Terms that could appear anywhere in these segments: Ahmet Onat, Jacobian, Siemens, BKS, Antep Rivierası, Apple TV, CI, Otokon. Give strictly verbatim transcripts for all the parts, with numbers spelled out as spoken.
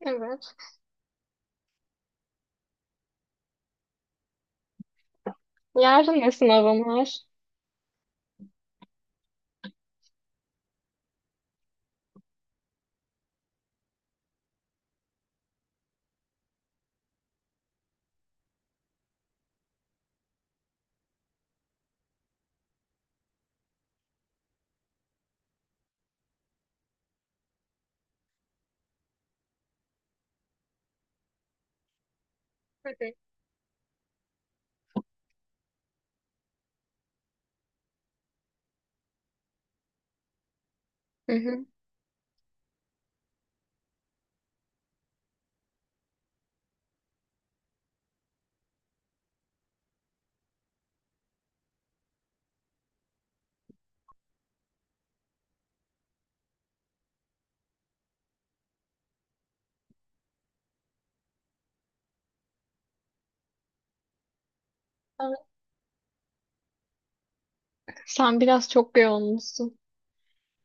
Evet. Yarın da sınavım var. Hı hı. Hı hı. Evet. Sen biraz çok yoğunmuşsun.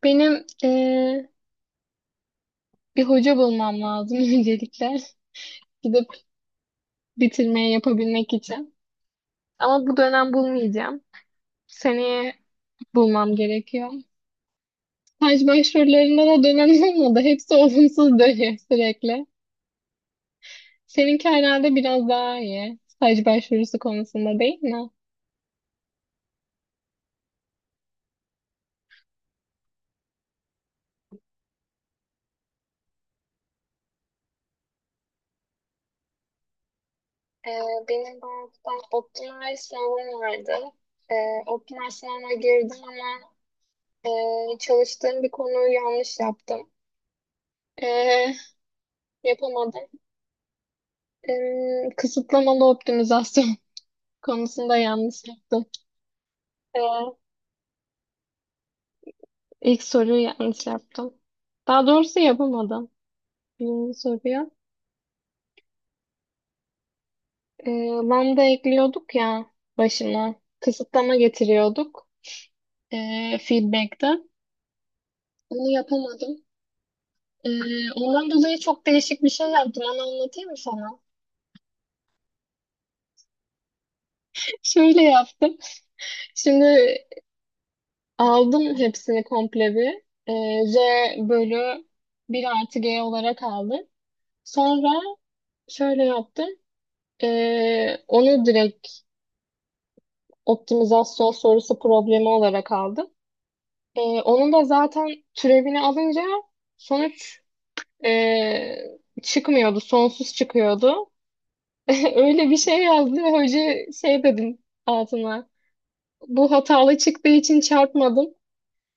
Benim eee, bir hoca bulmam lazım öncelikle. Gidip bitirmeye yapabilmek için. Ama bu dönem bulmayacağım. Seneye bulmam gerekiyor. Staj başvurularında da dönem olmadı. Hepsi olumsuz dönüyor sürekli. Seninki herhalde biraz daha iyi. Staj başvurusu konusunda değil mi? Ee, Benim banktan optimal sınavım vardı. Ee, Optimal sınavına girdim ama e, çalıştığım bir konuyu yanlış yaptım. Ee, Yapamadım. Ee, kısıtlamalı optimizasyon konusunda yanlış yaptım. Ee, ilk soruyu yanlış yaptım. Daha doğrusu yapamadım. Birinci soruya. Ee, lambda ekliyorduk ya başına. Kısıtlama getiriyorduk ee, feedback'te. Onu yapamadım. Ee, ondan dolayı çok değişik bir şey yaptım. Onu anlatayım mı sana? Şöyle yaptım. Şimdi aldım hepsini komple bir. Ee, Z bölü bir artı G olarak aldım. Sonra şöyle yaptım. Ee, onu direkt optimizasyon sorusu problemi olarak aldım. Ee, onun da zaten türevini alınca sonuç ee, çıkmıyordu. Sonsuz çıkıyordu. Öyle bir şey yazdı. Hoca şey dedim altına. bu hatalı çıktığı için çarpmadım.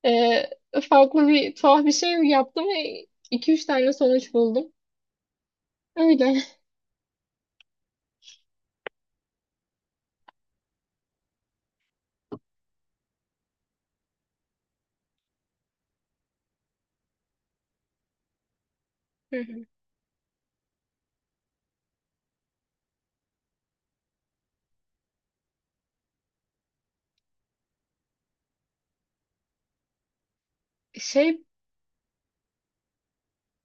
Ee, Farklı bir tuhaf bir şey yaptım ve iki üç tane sonuç buldum. Öyle. Hı hı. Şey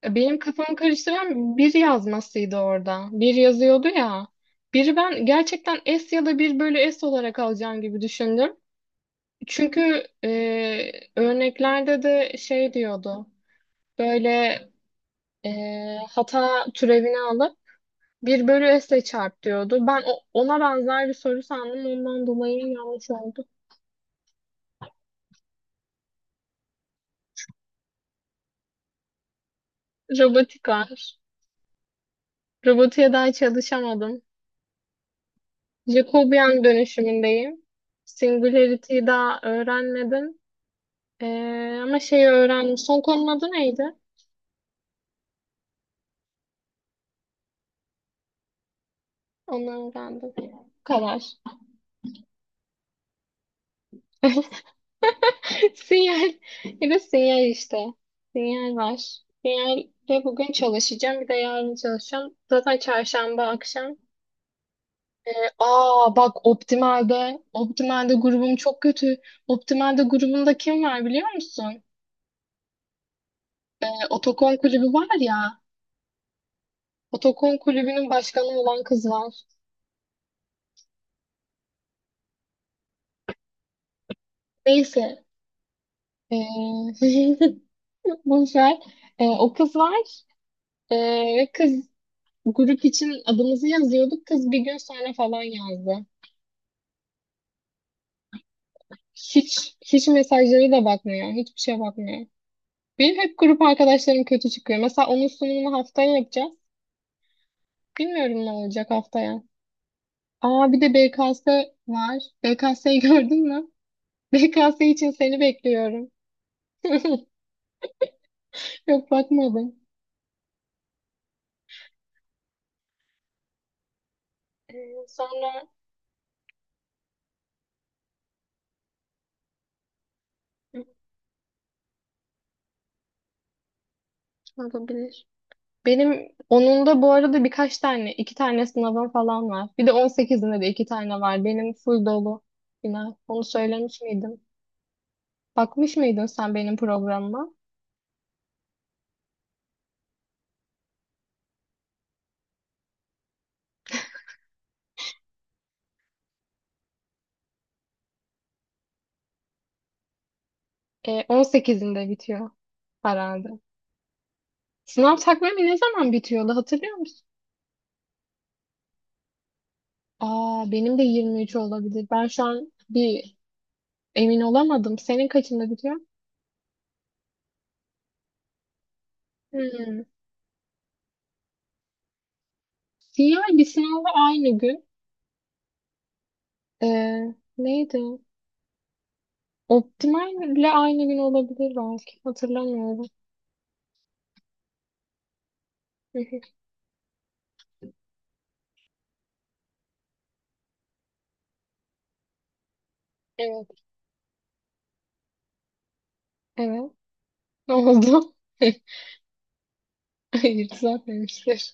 benim kafamı karıştıran bir yazmasıydı orada. Bir yazıyordu ya. Biri ben gerçekten S ya da bir bölü S olarak alacağım gibi düşündüm. Çünkü e, örneklerde de şey diyordu. Böyle e, hata türevini alıp bir bölü s'le çarp diyordu. Ben o- ona benzer bir soru sandım. Ondan dolayı yanlış oldu. Robotik var. Robotiğe daha çalışamadım. Jacobian dönüşümündeyim. Singularity'yi daha öğrenmedim. E, Ama şeyi öğrendim. Son konunun adı neydi? Onu öğrendim. Bu kadar. Sinyal. Ya sinyal işte. Sinyal var. Sinyalde bugün çalışacağım. Bir de yarın çalışacağım. Zaten çarşamba akşam. E, Aa bak, Optimal'de. Optimal'de grubum çok kötü. Optimal'de grubunda kim var biliyor musun? E, Otokon kulübü var ya. Otokon kulübünün başkanı olan kız var. Neyse. E, boş ver. E, o kız var. E, Ve kız grup için adımızı yazıyorduk. Kız bir gün sonra falan yazdı. Hiç hiç mesajları da bakmıyor. Hiçbir şeye bakmıyor. Benim hep grup arkadaşlarım kötü çıkıyor. Mesela onun sunumunu haftaya yapacağız. Bilmiyorum ne olacak haftaya. Aa bir de B K S var. B K S'yi gördün mü? B K S için seni bekliyorum. Yok bakmadım. Ee, sonra olabilir? Benim onun da bu arada birkaç tane, iki tane sınavım falan var. Bir de on sekizinde de iki tane var. Benim full dolu. Yine onu söylemiş miydim? Bakmış mıydın sen benim programıma? E, on sekizinde bitiyor herhalde. Sınav takvimi ne zaman bitiyordu hatırlıyor musun? Aa benim de yirmi üç olabilir. Ben şu an bir emin olamadım. Senin kaçında bitiyor? Hmm. C I bir sınavla aynı gün. E, Neydi? Optimal ile aynı gün olabilir belki. Hatırlamıyorum. Evet. Evet. Ne oldu? Hayır düzeltmemiştir.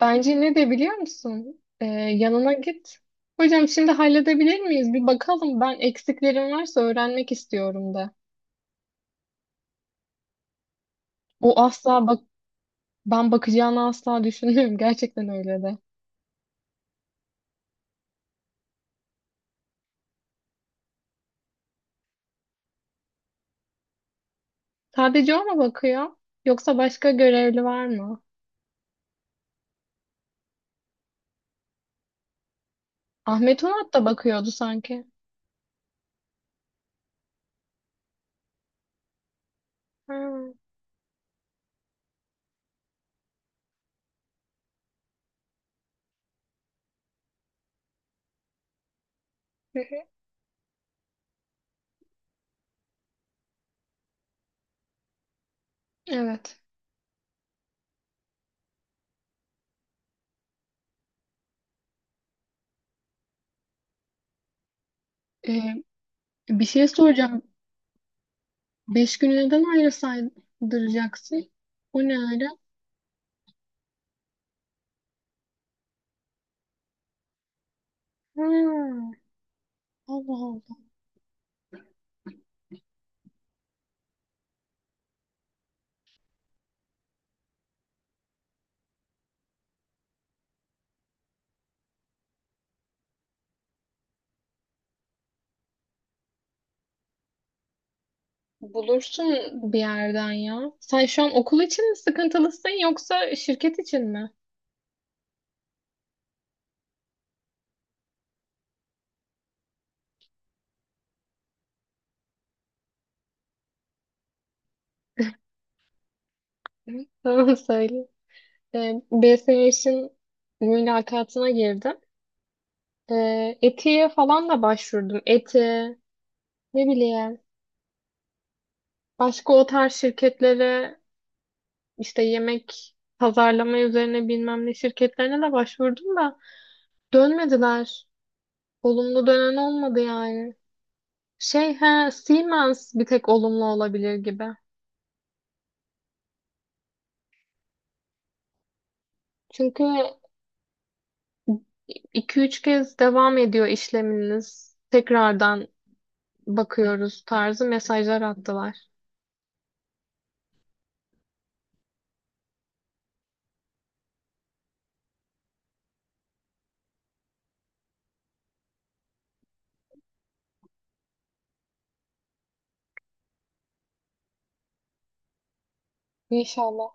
Bence ne de biliyor musun? Ee, yanına git. Hocam şimdi halledebilir miyiz? Bir bakalım. Ben eksiklerim varsa öğrenmek istiyorum de. O asla bak, ben bakacağını asla düşünmüyorum. Gerçekten öyle de. Sadece o mu bakıyor? Yoksa başka görevli var mı? Ahmet Onat da bakıyordu sanki. Ha. hı hı. Evet. Ee, Bir şey soracağım. Beş günü neden ayrı saydıracaksın? O ne öyle? Ha. Allah. Bulursun bir yerden ya. Sen şu an okul için mi sıkıntılısın yoksa şirket için mi? Hı. Tamam söyle. Ee, B S H'in mülakatına girdim. Ee, ETİ'ye falan da başvurdum. Eti, ne bileyim. Başka o tarz şirketlere işte yemek pazarlama üzerine bilmem ne şirketlerine de başvurdum da dönmediler. Olumlu dönen olmadı yani. Şey he, Siemens bir tek olumlu olabilir gibi. Çünkü iki üç kez devam ediyor işleminiz. Tekrardan bakıyoruz tarzı mesajlar attılar. İnşallah.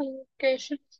Ay, Görüşürüz.